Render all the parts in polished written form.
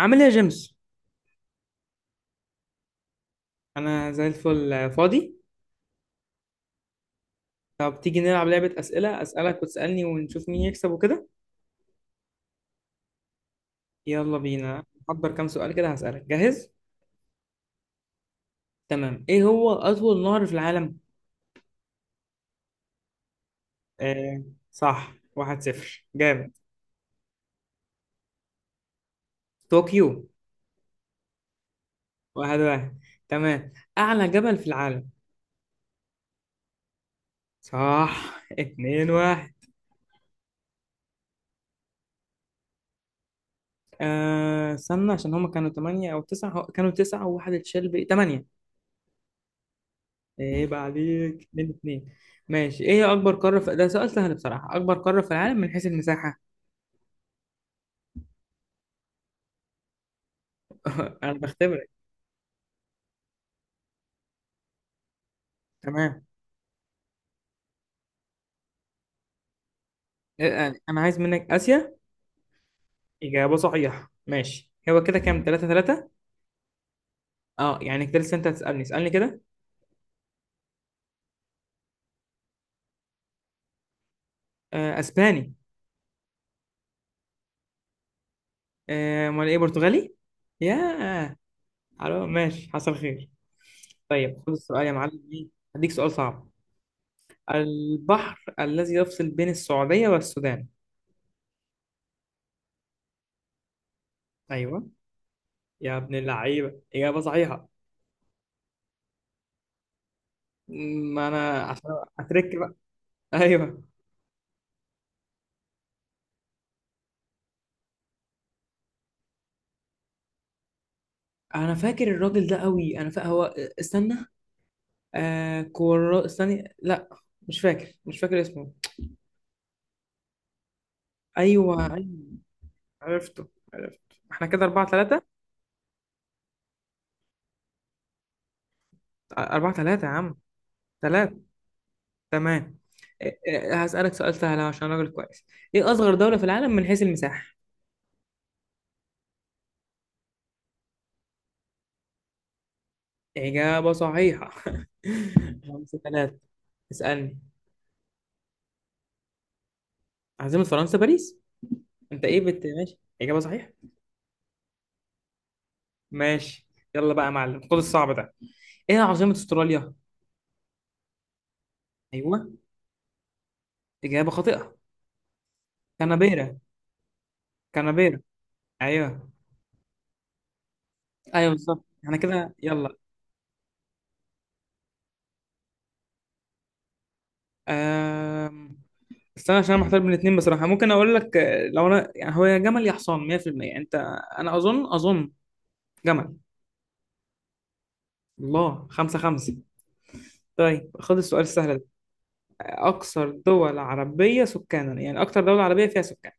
عامل ايه يا جيمس؟ انا زي الفل، فاضي. طب تيجي نلعب لعبة أسئلة، أسألك وتسألني ونشوف مين يكسب وكده. يلا بينا، محضر كام سؤال كده هسألك، جاهز؟ تمام، ايه هو أطول نهر في العالم؟ آه، صح، واحد صفر، جامد. طوكيو. واحد واحد. تمام، أعلى جبل في العالم. صح، اتنين واحد. استنى، عشان هما كانوا تمانية أو تسعة، كانوا تسعة وواحد اتشال، بإيه، تمانية. عيب عليك، اتنين اتنين. ماشي، ايه هي اكبر قارة في ده، سؤال سهل بصراحة، اكبر قارة في العالم من حيث المساحة. انا بختبرك. تمام. انا عايز منك اسيا. اجابة صحيحة. ماشي، هو كده كام، تلاتة تلاتة. اه يعني كده لسه، انت هتسألني، اسألني كده. آه، اسباني. امال ايه؟ برتغالي. ياه. حلو، ماشي، حصل خير. طيب خد السؤال يا معلم، ايه. هديك سؤال صعب. البحر الذي يفصل بين السعودية والسودان. ايوه، يا ابن اللعيبة، اجابة صحيحة. ما انا عشان، اترك بقى. ايوه. انا فاكر الراجل ده قوي، انا فاكر هو، استنى، آه كورا، استني، لا، مش فاكر اسمه. ايوه ايوه، عرفته، عرفته. احنا كده أربعة ثلاثة. أربعة ثلاثة يا عم. ثلاثة. تمام. هسألك سؤال سهل عشان راجل كويس. ايه اصغر دولة في العالم من حيث المساحة؟ إجابة صحيحة. خمسة ثلاثة. اسألني. عاصمة فرنسا باريس. انت ايه بت، ماشي، إجابة صحيحة. ماشي يلا بقى يا معلم، خد الصعب ده. ايه عاصمة استراليا؟ ايوه، اجابة خاطئة. كانبيرا، كانبيرا. ايوه ايوه بالظبط، احنا كده، يلا. أم... استنى عشان انا محتار بين الاثنين بصراحة، ممكن اقول لك، لو انا يعني هو يا جمل يا حصان 100% انت. انا اظن جمل. الله، خمسة خمسة. طيب خد السؤال السهل ده، اكثر دول عربية سكانا، يعني اكثر دولة عربية فيها سكان.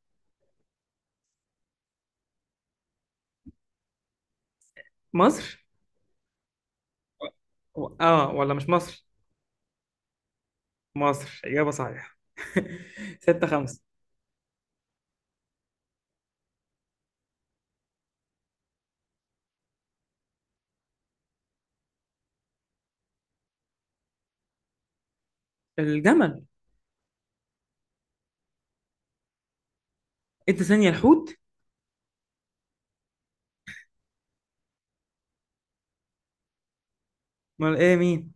مصر. و... اه ولا مش مصر؟ مصر، اجابة صحيحة. ستة خمسة. الجمل. انت ثانية، الحوت؟ امال ايه، مين؟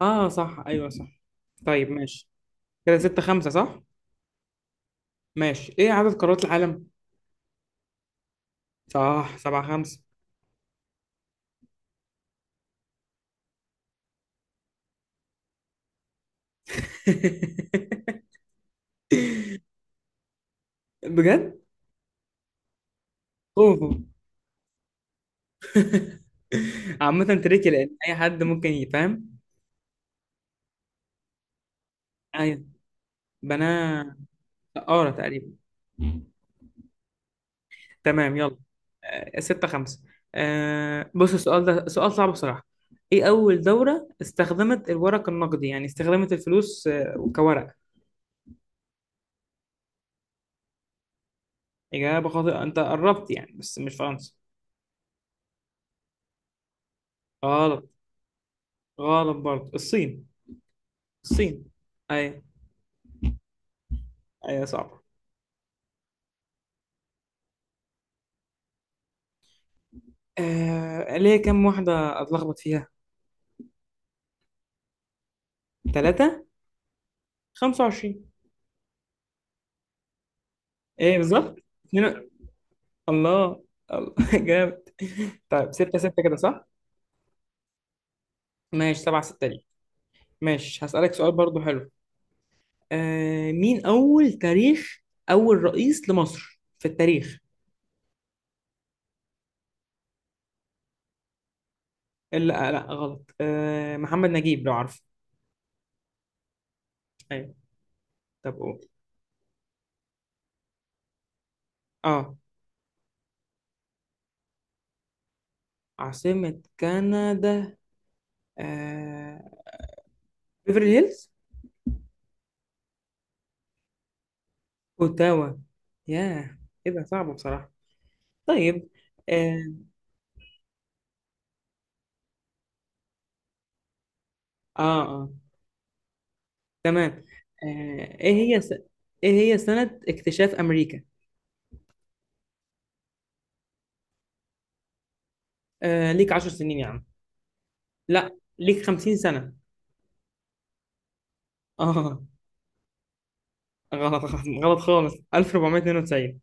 اه صح، ايوه صح. طيب ماشي، كده ستة خمسة صح. ماشي، ايه عدد قارات العالم؟ صح، سبعة خمسة. بجد. اوفو. عامة تريكي لان اي حد ممكن يفهم. ايوه بناه. سقارة تقريبا. تمام يلا. ستة خمسة. آه بص، السؤال ده سؤال صعب بصراحة، ايه اول دولة استخدمت الورق النقدي، يعني استخدمت الفلوس كورق. إجابة خاطئة، أنت قربت يعني بس مش فرنسا. غلط. غلط برضه، الصين. الصين. أيوة. أيوة صعبة. ليه، كم واحدة أتلخبط فيها؟ ثلاثة؟ خمسة وعشرين. إيه بالظبط؟ اتنين، الله. الله. جامد. طيب ستة ستة كده صح؟ ماشي، سبعة ستة ليه. ماشي هسألك سؤال برضه حلو. مين أول تاريخ، أول رئيس لمصر في التاريخ؟ لا لا غلط، محمد نجيب، لو عارفه. أيوة. طب قول. اه، عاصمة كندا. آه... بيفرلي هيلز. اوتاوا. ياه. ايه ده، صعب بصراحة. طيب. اه. اه. آه. تمام. آه. ايه هي ايه هي سنة اكتشاف امريكا؟ آه، ليك عشر سنين يا عم. لا، ليك خمسين سنة. اه. غلط. غلط خالص، 1492.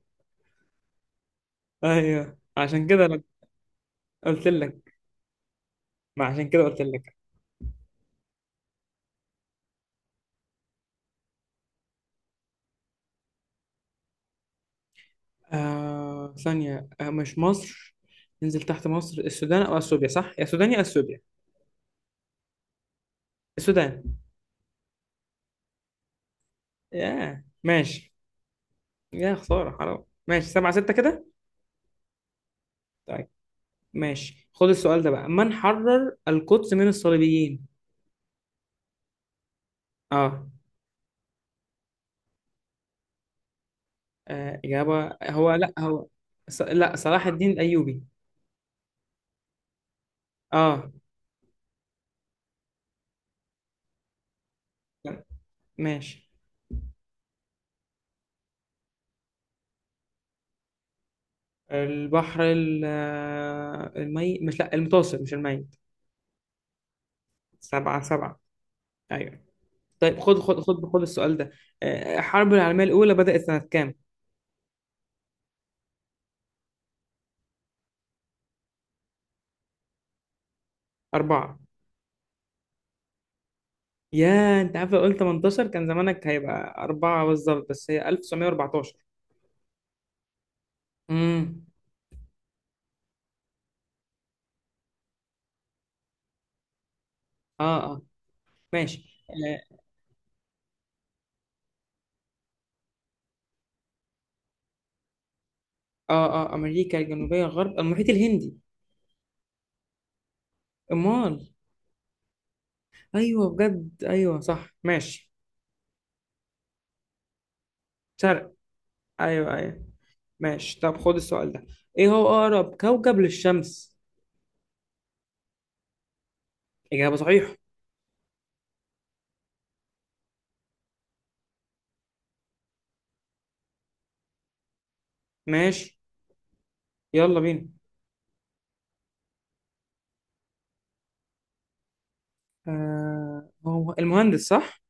ايوه عشان كده أنا قلت لك، ما عشان كده قلت لك. ثانية، مش مصر، ننزل تحت مصر، السودان او اثيوبيا، صح، يا سودان يا اثيوبيا. السودان. ياه، ماشي. يا خسارة، حرام. ماشي، سبعة ستة كده. طيب ماشي، خد السؤال ده بقى، من حرر القدس من الصليبيين؟ اه. آه. إجابة هو، لا هو ص... لا، صلاح الدين الأيوبي. اه. لا، ماشي. البحر ال... المي، مش، لا، المتوسط، مش الميت. سبعة سبعة. أيوه. طيب خد السؤال ده. آه. الحرب العالمية الأولى بدأت سنة كام؟ أربعة. يا انت عارف، لو قلت 18 كان زمانك هيبقى أربعة بالظبط، بس هي 1914. امم اه، اه. ماشي، اه، اه. أمريكا الجنوبية غرب المحيط الهندي. أمال. أيوه بجد، أيوه صح، ماشي. شرق. أيوه أيوه. ماشي، طب خد السؤال ده، إيه هو أقرب كوكب للشمس؟ إجابة صحيحة. ماشي يلا بينا. آه هو المهندس صح؟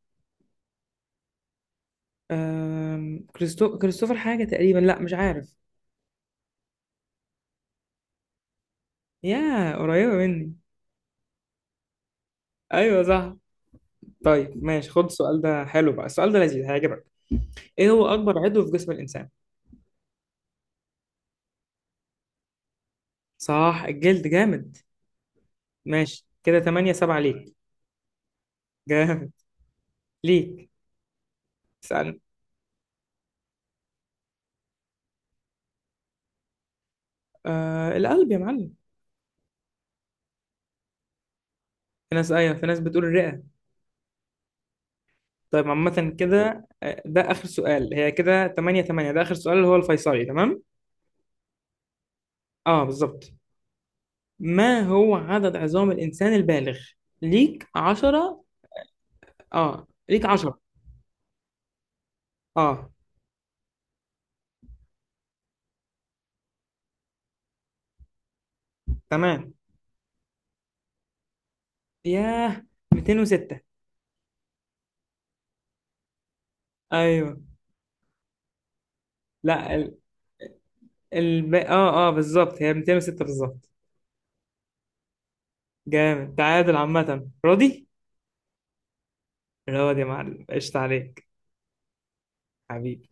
آه كريستوفر حاجة تقريبا، لا مش عارف. يا قريبة مني. ايوه صح. طيب ماشي، خد السؤال ده حلو بقى، السؤال ده لذيذ هيعجبك. ايه هو اكبر عضو في جسم الانسان؟ صح، الجلد، جامد. ماشي كده 8 7 ليك. جامد، ليك. اسأل. آه القلب يا معلم. في ناس، ايوه، في ناس بتقول الرئة. طيب عامة كده، ده اخر سؤال، هي كده 8 8، ده اخر سؤال اللي هو الفيصلي، تمام. اه بالظبط. ما هو عدد عظام الانسان البالغ؟ ليك 10. اه ليك 10. اه تمام. ياه، 206. ايوه. لا. الب... اه اه بالظبط، هي 206 بالظبط. جامد، تعادل، عامة راضي؟ راضي يا معلم، قشطة عليك. حبيبي.